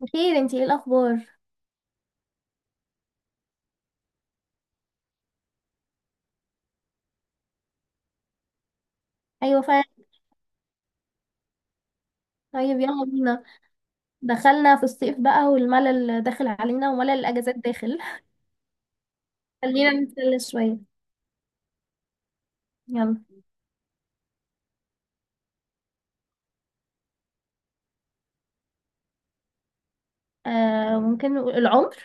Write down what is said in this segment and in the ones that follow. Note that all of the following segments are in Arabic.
بخير، انتي ايه الاخبار؟ ايوه فعلا. طيب يلا بينا. دخلنا في الصيف بقى والملل داخل علينا وملل الاجازات داخل. خلينا نتسلى شويه. يلا. آه، ممكن نقول العمر.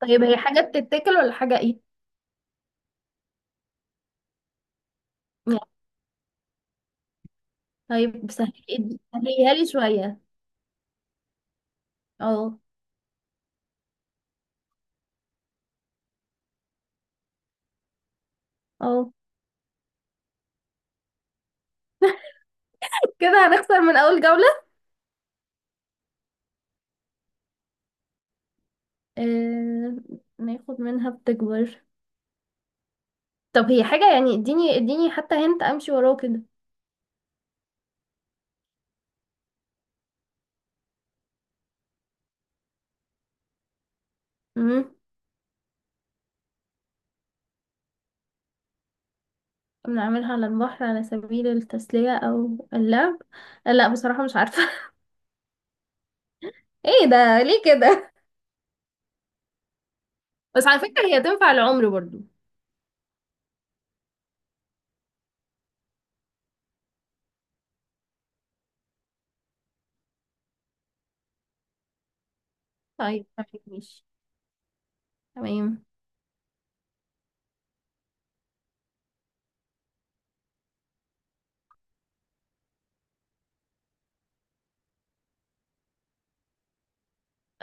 طيب هي حاجه بتتاكل ولا حاجه ايه يعني؟ طيب سهليها لي شويه. اه اه، كده هنخسر من اول جوله. آه، ناخد منها بتكبر. طب هي حاجه يعني، اديني حتى هنت امشي وراه. كده بنعملها على البحر على سبيل التسلية أو اللعب. لا بصراحة مش عارفة. ايه ده ليه كده؟ بس على فكرة هي تنفع العمر برضو. طيب تمام، ماشي. تمام.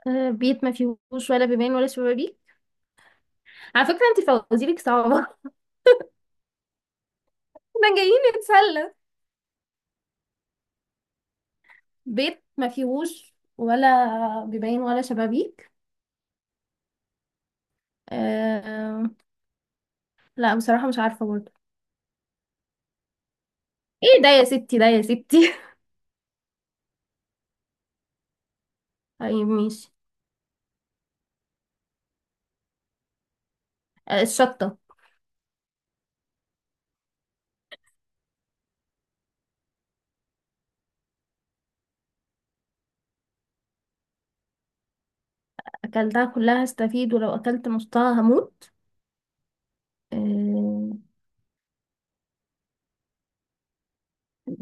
آه، بيت ما فيهوش ولا بيبان ولا شبابيك. على فكرة انت فوازيرك صعبة. احنا جايين نتسلى. بيت ما فيهوش ولا بيبان ولا شبابيك. آه. لا بصراحة مش عارفة برضو. ايه ده يا ستي، ده يا ستي! طيب ماشي. آه، الشطة. أكلتها كلها هستفيد، ولو أكلت نصها هموت. آه،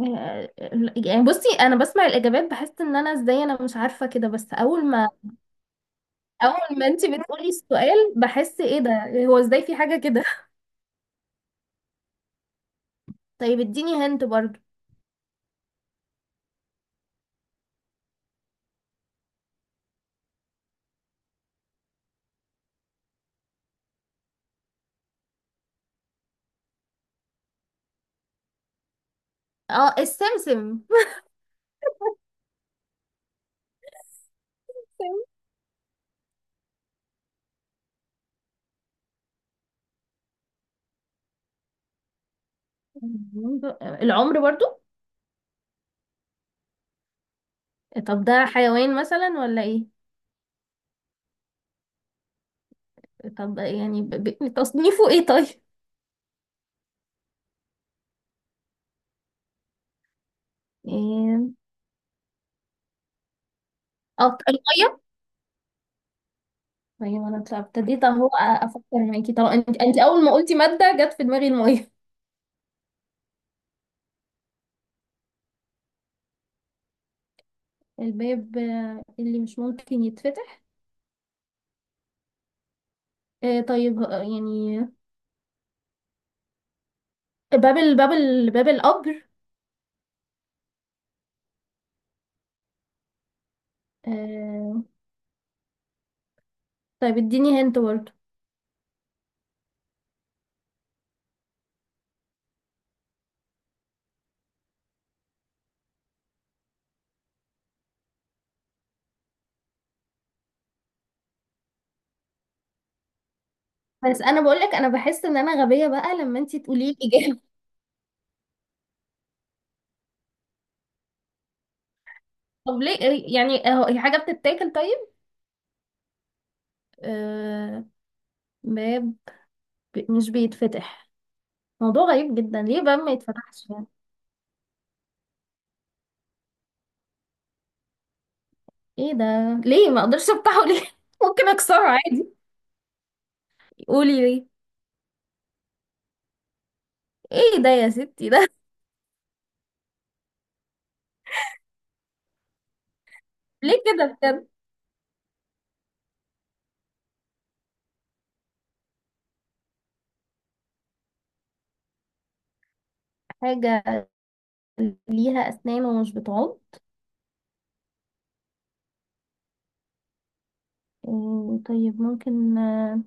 آه، يعني بصي، انا بسمع الاجابات بحس ان انا ازاي، انا مش عارفه كده. بس اول ما انتي بتقولي السؤال بحس ايه ده، هو ازاي في حاجه كده! طيب اديني هنت برضو. اه، السمسم. العمر برضو. طب ده حيوان مثلا ولا ايه؟ طب يعني تصنيفه ايه طيب؟ إيه... اه، الميه. طيب انا ابتديت اهو افكر معاكي. طب انت اول ما قلتي ماده جت في دماغي الميه. الباب اللي مش ممكن يتفتح. طيب، يعني باب القبر. آه. طيب اديني هنت برضه. بس انا بقولك انا بحس ان انا غبية بقى لما انتي تقولي لي اجابة. طب ليه؟ يعني اهو هي حاجة بتتاكل طيب؟ آه، باب مش بيتفتح. موضوع غريب جدا، ليه باب ما يتفتحش يعني؟ ايه ده؟ ليه ما اقدرش افتحه ليه؟ ممكن اكسره عادي. قولي ليه. ايه ده يا ستي ده! ليه كده بجد؟ حاجة ليها أسنان ومش بتعض. إيه طيب؟ ممكن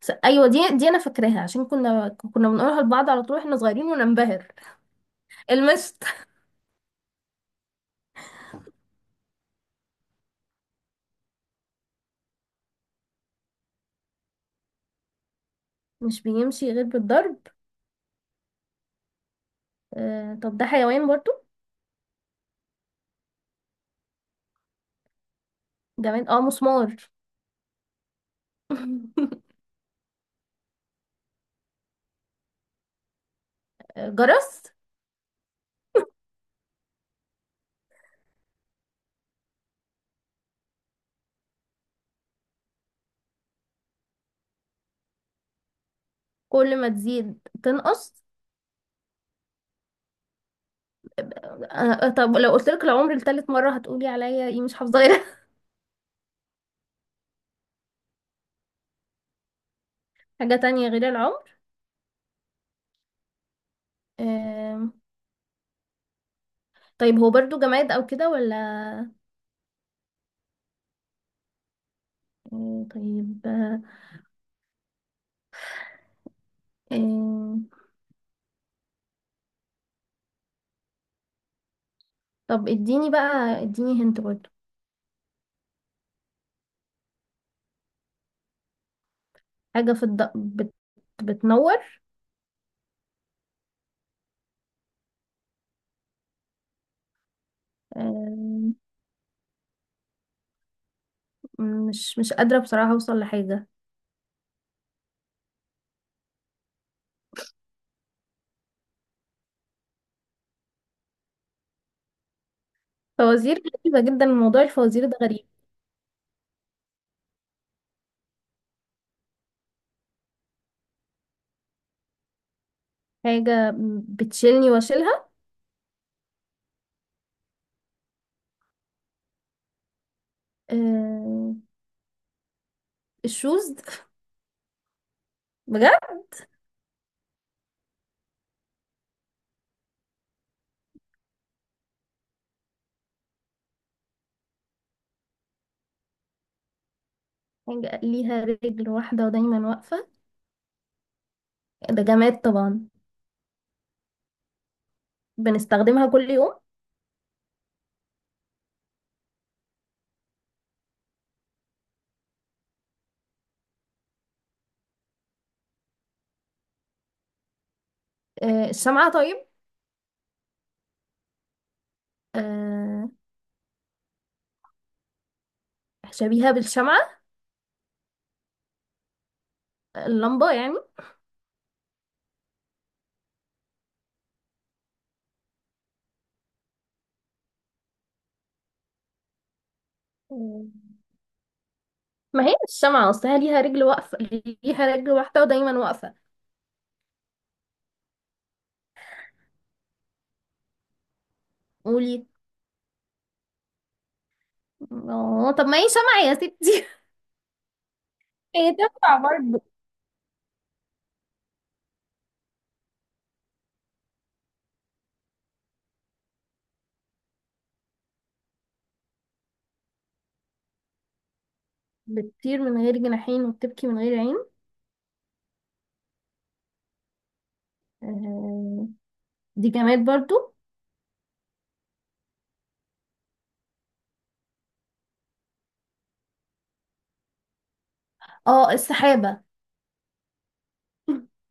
ايوه، دي انا فاكراها عشان كنا بنقولها لبعض على طول احنا صغيرين وننبهر. المشط. مش بيمشي غير بالضرب. طب ده حيوان برضو؟ جماد. اه، مسمار. آه، جرس. كل ما تزيد تنقص. طب لو قلت لك العمر لتالت مرة هتقولي عليا ايه، مش حافظة غيرها؟ حاجة تانية غير العمر. آم، طيب هو برضو جماد او كده ولا؟ طيب. آم، طب اديني بقى، اديني هنت برضو. حاجة في بتنور. آه، مش مش قادرة بصراحة أوصل لحاجة. فوازير غريبة جدا، موضوع الفوازير ده غريب. حاجة بتشيلني واشيلها. آه، الشوز. بجد. حاجة ليها رجل واحدة ودايما واقفة. ده جماد طبعا. بنستخدمها كل يوم. آه، الشمعة طيب. آه، شبيهة بالشمعة. اللمبة يعني. آه، ما هي الشمعة أصلها ليها رجل واقفة، ليها رجل واحدة ودايما واقفة. قولي. اه طب ما هي سمع يا ستي! هي تنفع برضه. بتطير من غير جناحين وبتبكي من غير عين. آه، دي جماد برضو. اه، السحابة.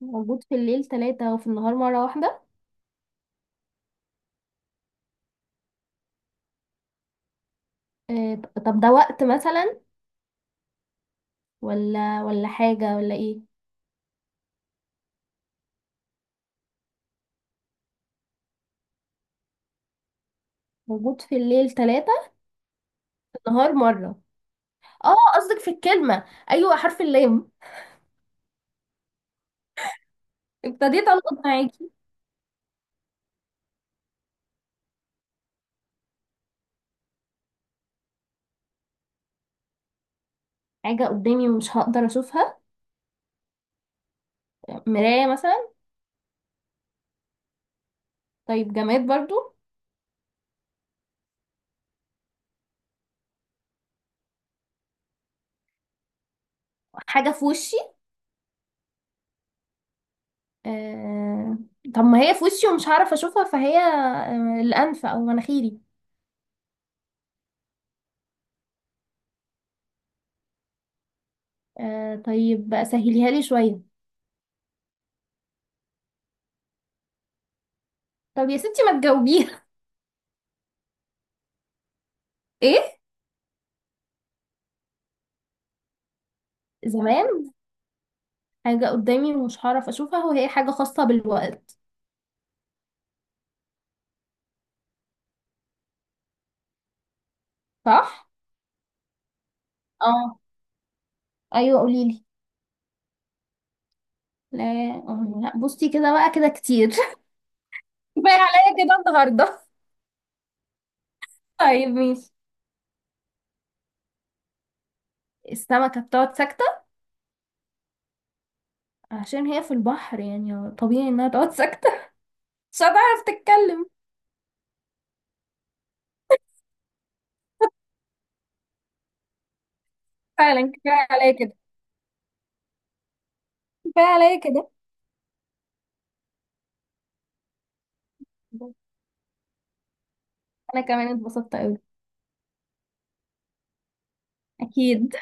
موجود في الليل ثلاثة وفي النهار مرة واحدة. طب ده وقت مثلا ولا حاجة ولا ايه؟ موجود في الليل ثلاثة، في النهار مرة. اه قصدك في الكلمة. ايوه، حرف اللام. ابتديت القط معاكي. حاجة قدامي مش هقدر اشوفها. مراية مثلا. طيب جماد برضو. حاجة في وشي. آه، طب ما هي في وشي ومش هعرف اشوفها، فهي آه، الانف او مناخيري. طيب سهليها لي شويه. طب يا ستي ما تجاوبيها. ايه؟ زمان. حاجه قدامي ومش هعرف اشوفها وهي حاجه خاصه بالوقت، صح؟ اه ايوه، قولي لي. لا. لا، بصي كده بقى كده كتير. كفايه عليا كده النهارده. طيب ماشي. السمكه بتقعد ساكته عشان هي في البحر، يعني طبيعي انها تقعد ساكته. مش هتعرف تتكلم. فعلا كفايه عليا كده. كفايه عليا كده. انا كمان اتبسطت قوي. اكيد.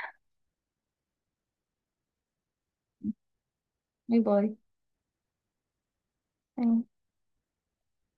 باي باي.